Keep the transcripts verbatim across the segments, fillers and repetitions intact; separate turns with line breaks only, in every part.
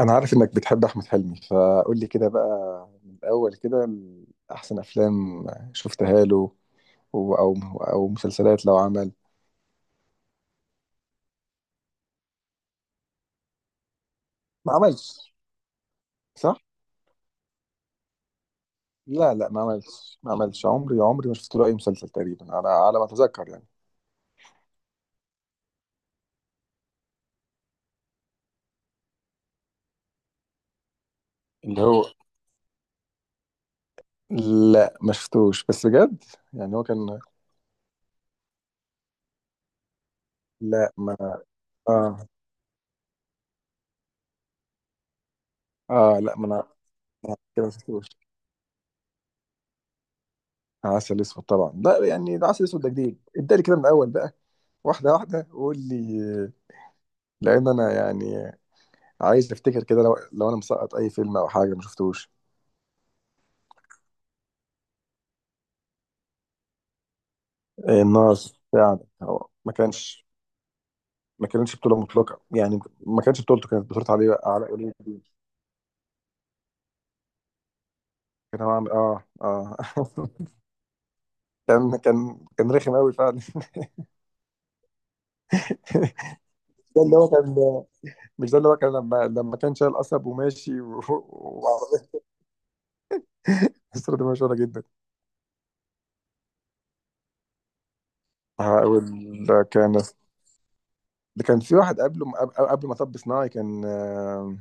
انا عارف انك بتحب احمد حلمي، فقول لي كده بقى من الاول كده. ال- احسن افلام شفتها له و- او او مسلسلات لو عمل. ما عملش؟ صح. لا، لا، ما عملش، ما عملش. عمري، عمري ما شفت له اي مسلسل تقريبا على على ما اتذكر يعني. اللي هو، لا ما شفتوش بس بجد يعني. هو كان لا ما اه اه لا ما انا، ما أنا كده ما شفتوش. عسل اسود طبعا، لا يعني ده عسل اسود ده جديد. ادالي كده من الاول بقى، واحده واحده وقول لي. لان انا يعني عايز افتكر كده لو لو انا مسقط اي فيلم او حاجه ما شفتوش. آه، الناس فعلا، هو ما كانش ما كانتش بطوله مطلقه يعني. ما كانتش بطولته، كانت بطوله علي علاء ولي الدين. كان هو عامل اه اه كان كان كان رخم قوي فعلا ده اللي هو كان، مش ده اللي هو كان لما لما كان شايل قصب وماشي و- وعربية الصورة دي مشهورة جدا. هقول. كان، ده كان في واحد قبله قبل قبل ما طب صناعي كان. آه،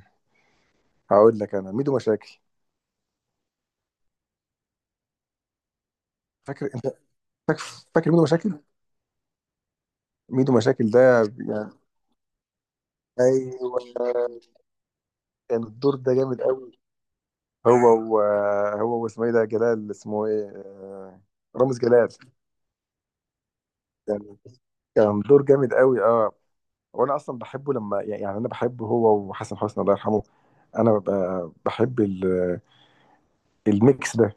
هقول لك: انا ميدو مشاكل. فاكر انت؟ فاكر؟ فاكر ميدو مشاكل؟ ميدو مشاكل ده، يعني ايوه، كان الدور ده جامد قوي. هو و... هو واسمه ايه ده؟ جلال، اسمه ايه آه، رامز جلال. يعني كان دور جامد قوي اه. وانا اصلا بحبه لما، يعني انا بحبه هو وحسن حسني الله يرحمه. انا ببقى بحب ال... الميكس ده.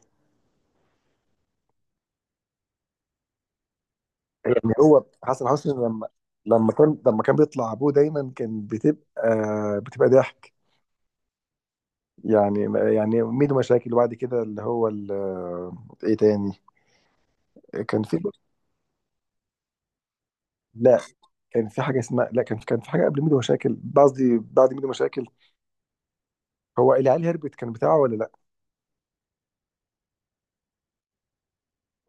يعني هو حسن حسني لما لما كان لما كان بيطلع ابوه دايما كان بتبقى بتبقى ضحك يعني. يعني ميدو مشاكل، وبعد كده اللي هو ال... آه، ايه تاني؟ كان في، لا كان في حاجه اسمها، لا كان في كان في حاجه قبل ميدو مشاكل، قصدي بعد ميدو مشاكل. هو العيال هربت كان بتاعه ولا لا؟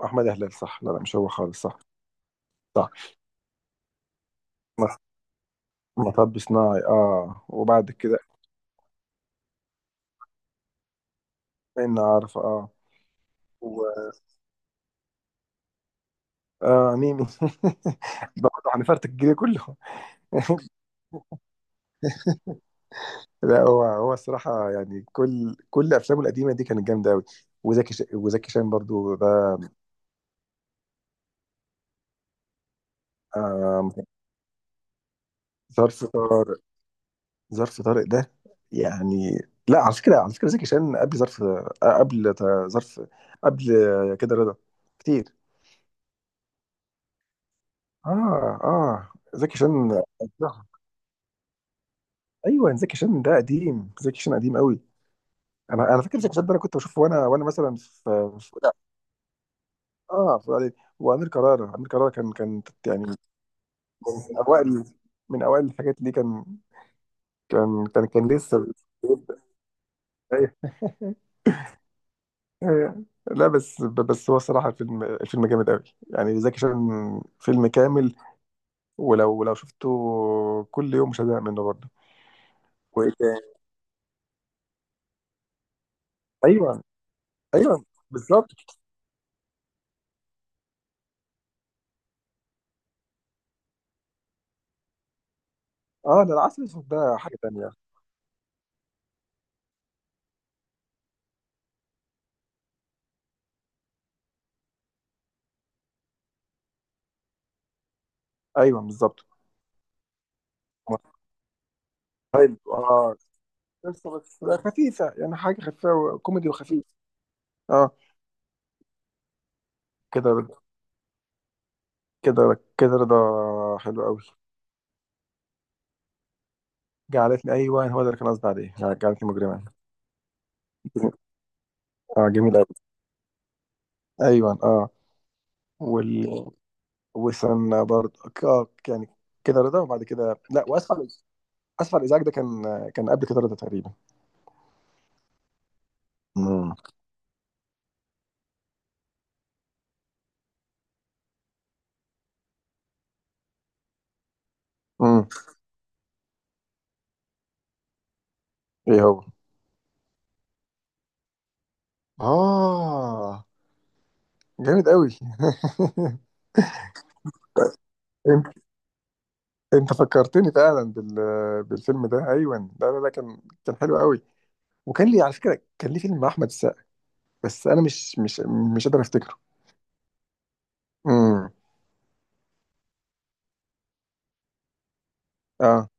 احمد هلال صح، لا لا مش هو خالص صح. صح. مط- مطب صناعي اه، وبعد كده ان عارف اه و... اه ميمي برضه هنفرتك الجيل كله لا، هو هو الصراحه يعني كل كل افلامه القديمه دي كانت جامده قوي. وزكي ش... وزكي شان برضه ده آه... ظرف طارق. ظرف طارق ده يعني، لا على فكره، على فكره زكي شان قبل ظرف آه، قبل تا- ظرف، قبل كده رضا كتير. اه اه زكي شان. ايوه، زكي شان ده قديم، زكي شان قديم قوي. انا انا فاكر زكي شان ده، انا كنت بشوفه وانا وانا مثلا في، في، لا، اه في إعدادي. وامير كرارة، امير كرارة كان كان يعني من اوائل، من اوائل الحاجات اللي كان كان كان كان لسه بيبدأ. أيوة. أيوة. لا، بس بس هو صراحة الفيلم الفيلم جامد قوي. يعني زكي شان فيلم كامل. ولو لو شفته كل يوم مش هزهق منه برضه. وايه تاني؟ ايوه، ايوه، بالظبط. اه، ده العسل الاسود ده حاجة تانية. ايوه بالظبط. حلو اه. بس بس خفيفة، يعني حاجة خفيفة كوميدي وخفيف اه. كده كده كده رضا. حلو قوي. جعلتني، ايوه هو ده اللي كان قصدي عليه، جعلتني مجرما. اه جميل قوي. ايوه اه. وال وسنا برضه ك- آه، يعني. كده رضا، وبعد كده لا واسفل. اسفل ازعاج ده كان، كان قبل كده رضا تقريبا. امم امم ايه هو؟ اه جامد قوي. انت، انت فكرتني فعلا بال... بالفيلم ده. ايوه لا لا لا، كان كان حلو قوي. وكان لي على فكره، كان لي فيلم مع احمد السقا، بس انا مش مش مش قادر افتكره. امم اه.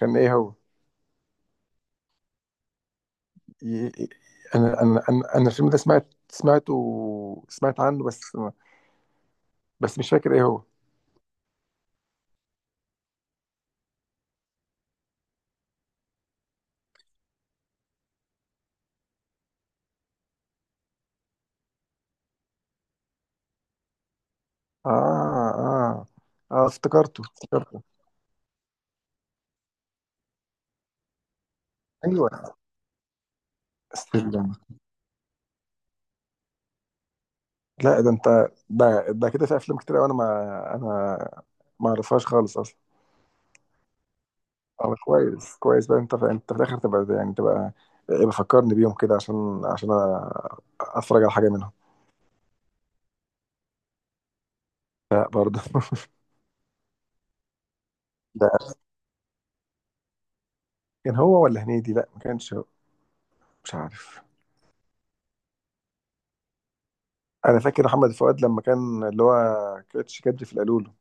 كان ايه هو؟ ي... انا انا انا أنا الفيلم ده سمعت سمعته سمعت عنه، بس بس مش فاكر ايه هو. اه اه اه افتكرته، افتكرته. ايوه. سلم، لا ده انت، ده ده كده في افلام كتير أوي انا ما انا ما اعرفهاش خالص اصلا. اه كويس، كويس بقى. انت في، انت في الاخر تبقى، يعني تبقى بفكرني بيهم كده، عشان عشان أ- اتفرج على حاجه منهم. لا برضه ده كان هو ولا هنيدي؟ لا، ما كانش هو، مش عارف. انا فاكر محمد فؤاد لما كان اللي هو كاتش كدري في القالولو.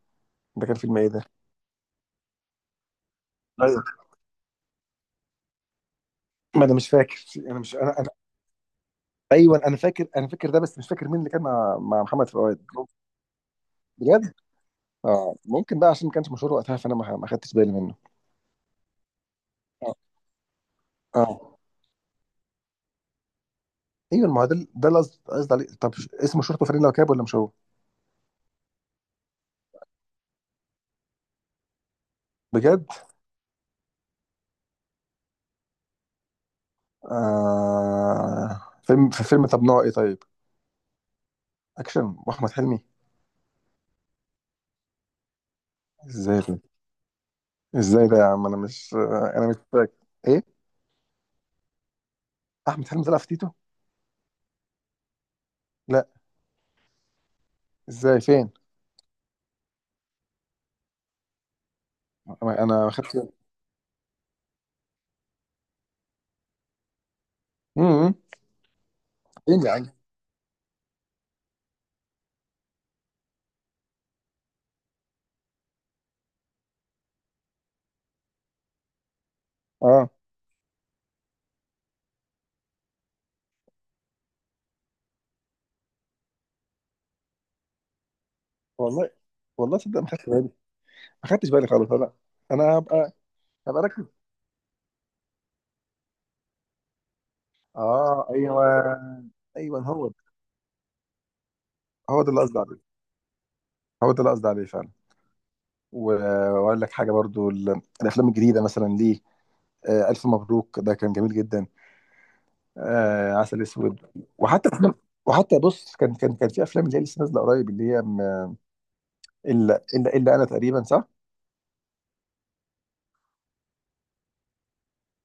ده كان فيلم ايه ده؟ ايوه ما انا مش فاكر، انا مش انا ايوه انا فاكر. انا فاكر ده، بس مش فاكر مين اللي كان مع مع محمد فؤاد. بجد. اه ممكن بقى، عشان ما كانش مشهور وقتها، فانا ما ما خدتش بالي منه اه. اه ايوه، ما هو ده، ده اللي قصد- قصدي عليه. طب ش- اسمه شرطه فريد لوكاب ولا مش هو؟ بجد. آه، فيلم في فيلم. طب نوعه ايه طيب؟ اكشن واحمد حلمي؟ ازاي ده؟ ازاي ده يا عم؟ انا مش انا مش فاكر ايه. احمد حلمي طلع في تيتو؟ لا، ازاي؟ فين؟ انا ما خدتش بالي. امم فين يا عم؟ اه والله. والله صدق ما خدتش بالي، ما خدتش بالي خالص انا. انا هبقى هبقى اركز. اه، ايوه، ايوه هو ده. هو ده اللي قصدي عليه، هو ده اللي قصدي عليه فعلا. و- واقول لك حاجه برضو، ال- الافلام الجديده مثلا ليه: آه، الف مبروك ده كان جميل جدا، آه، عسل اسود. وحتى أفلام- وحتى بص، كان كان كان في افلام اللي هي لسه نازله قريب، اللي هي م- الا الا الا انا تقريبا صح.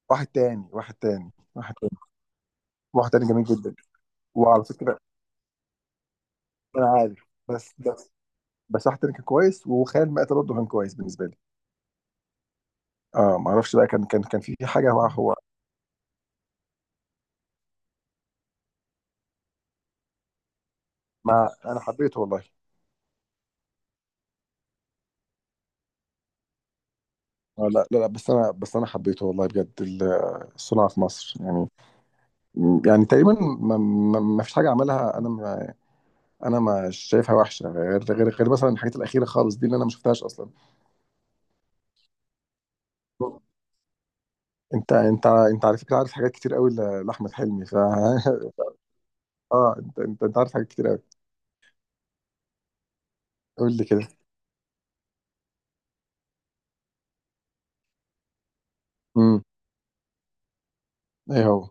واحد تاني، واحد تاني، واحد تاني. واحد تاني جميل جدا. وعلى فكره انا عارف، بس بس بس واحد تاني كان كويس، وخيال مآتة برضه كان كويس بالنسبه لي. اه ما اعرفش بقى، كان كان كان في حاجه مع هو. مع انا حبيته والله. آه لا لا لا، بس انا بس انا حبيته والله بجد. ال- الصناعه في مصر يعني. يعني تقريبا ما, ما, ما فيش حاجه عملها. انا ما انا ما شايفها وحشه، غير غير غير مثلا الحاجات الاخيره خالص دي، اللي انا ما شفتهاش اصلا. انت انت انت على فكره عارف حاجات كتير قوي ل- لاحمد حلمي ف اه، انت انت انت عارف حاجات كتير قوي. قول لي كده. امم ايه هو؟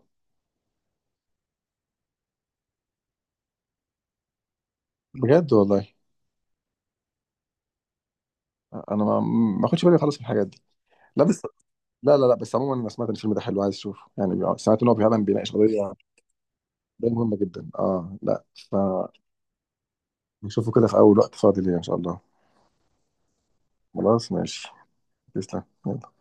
بجد والله. انا ما ما اخدش بالي خالص من الحاجات دي. لا بس لا لا لا، بس عموما انا سمعت ان الفيلم ده حلو، عايز اشوفه يعني. بي- سمعت ان هو فعلا بيناقش قضيه، قضيه مهمه جدا اه. لا، فنشوفه كده في اول وقت فاضي ليا ان شاء الله. خلاص ماشي. تسلم يلا.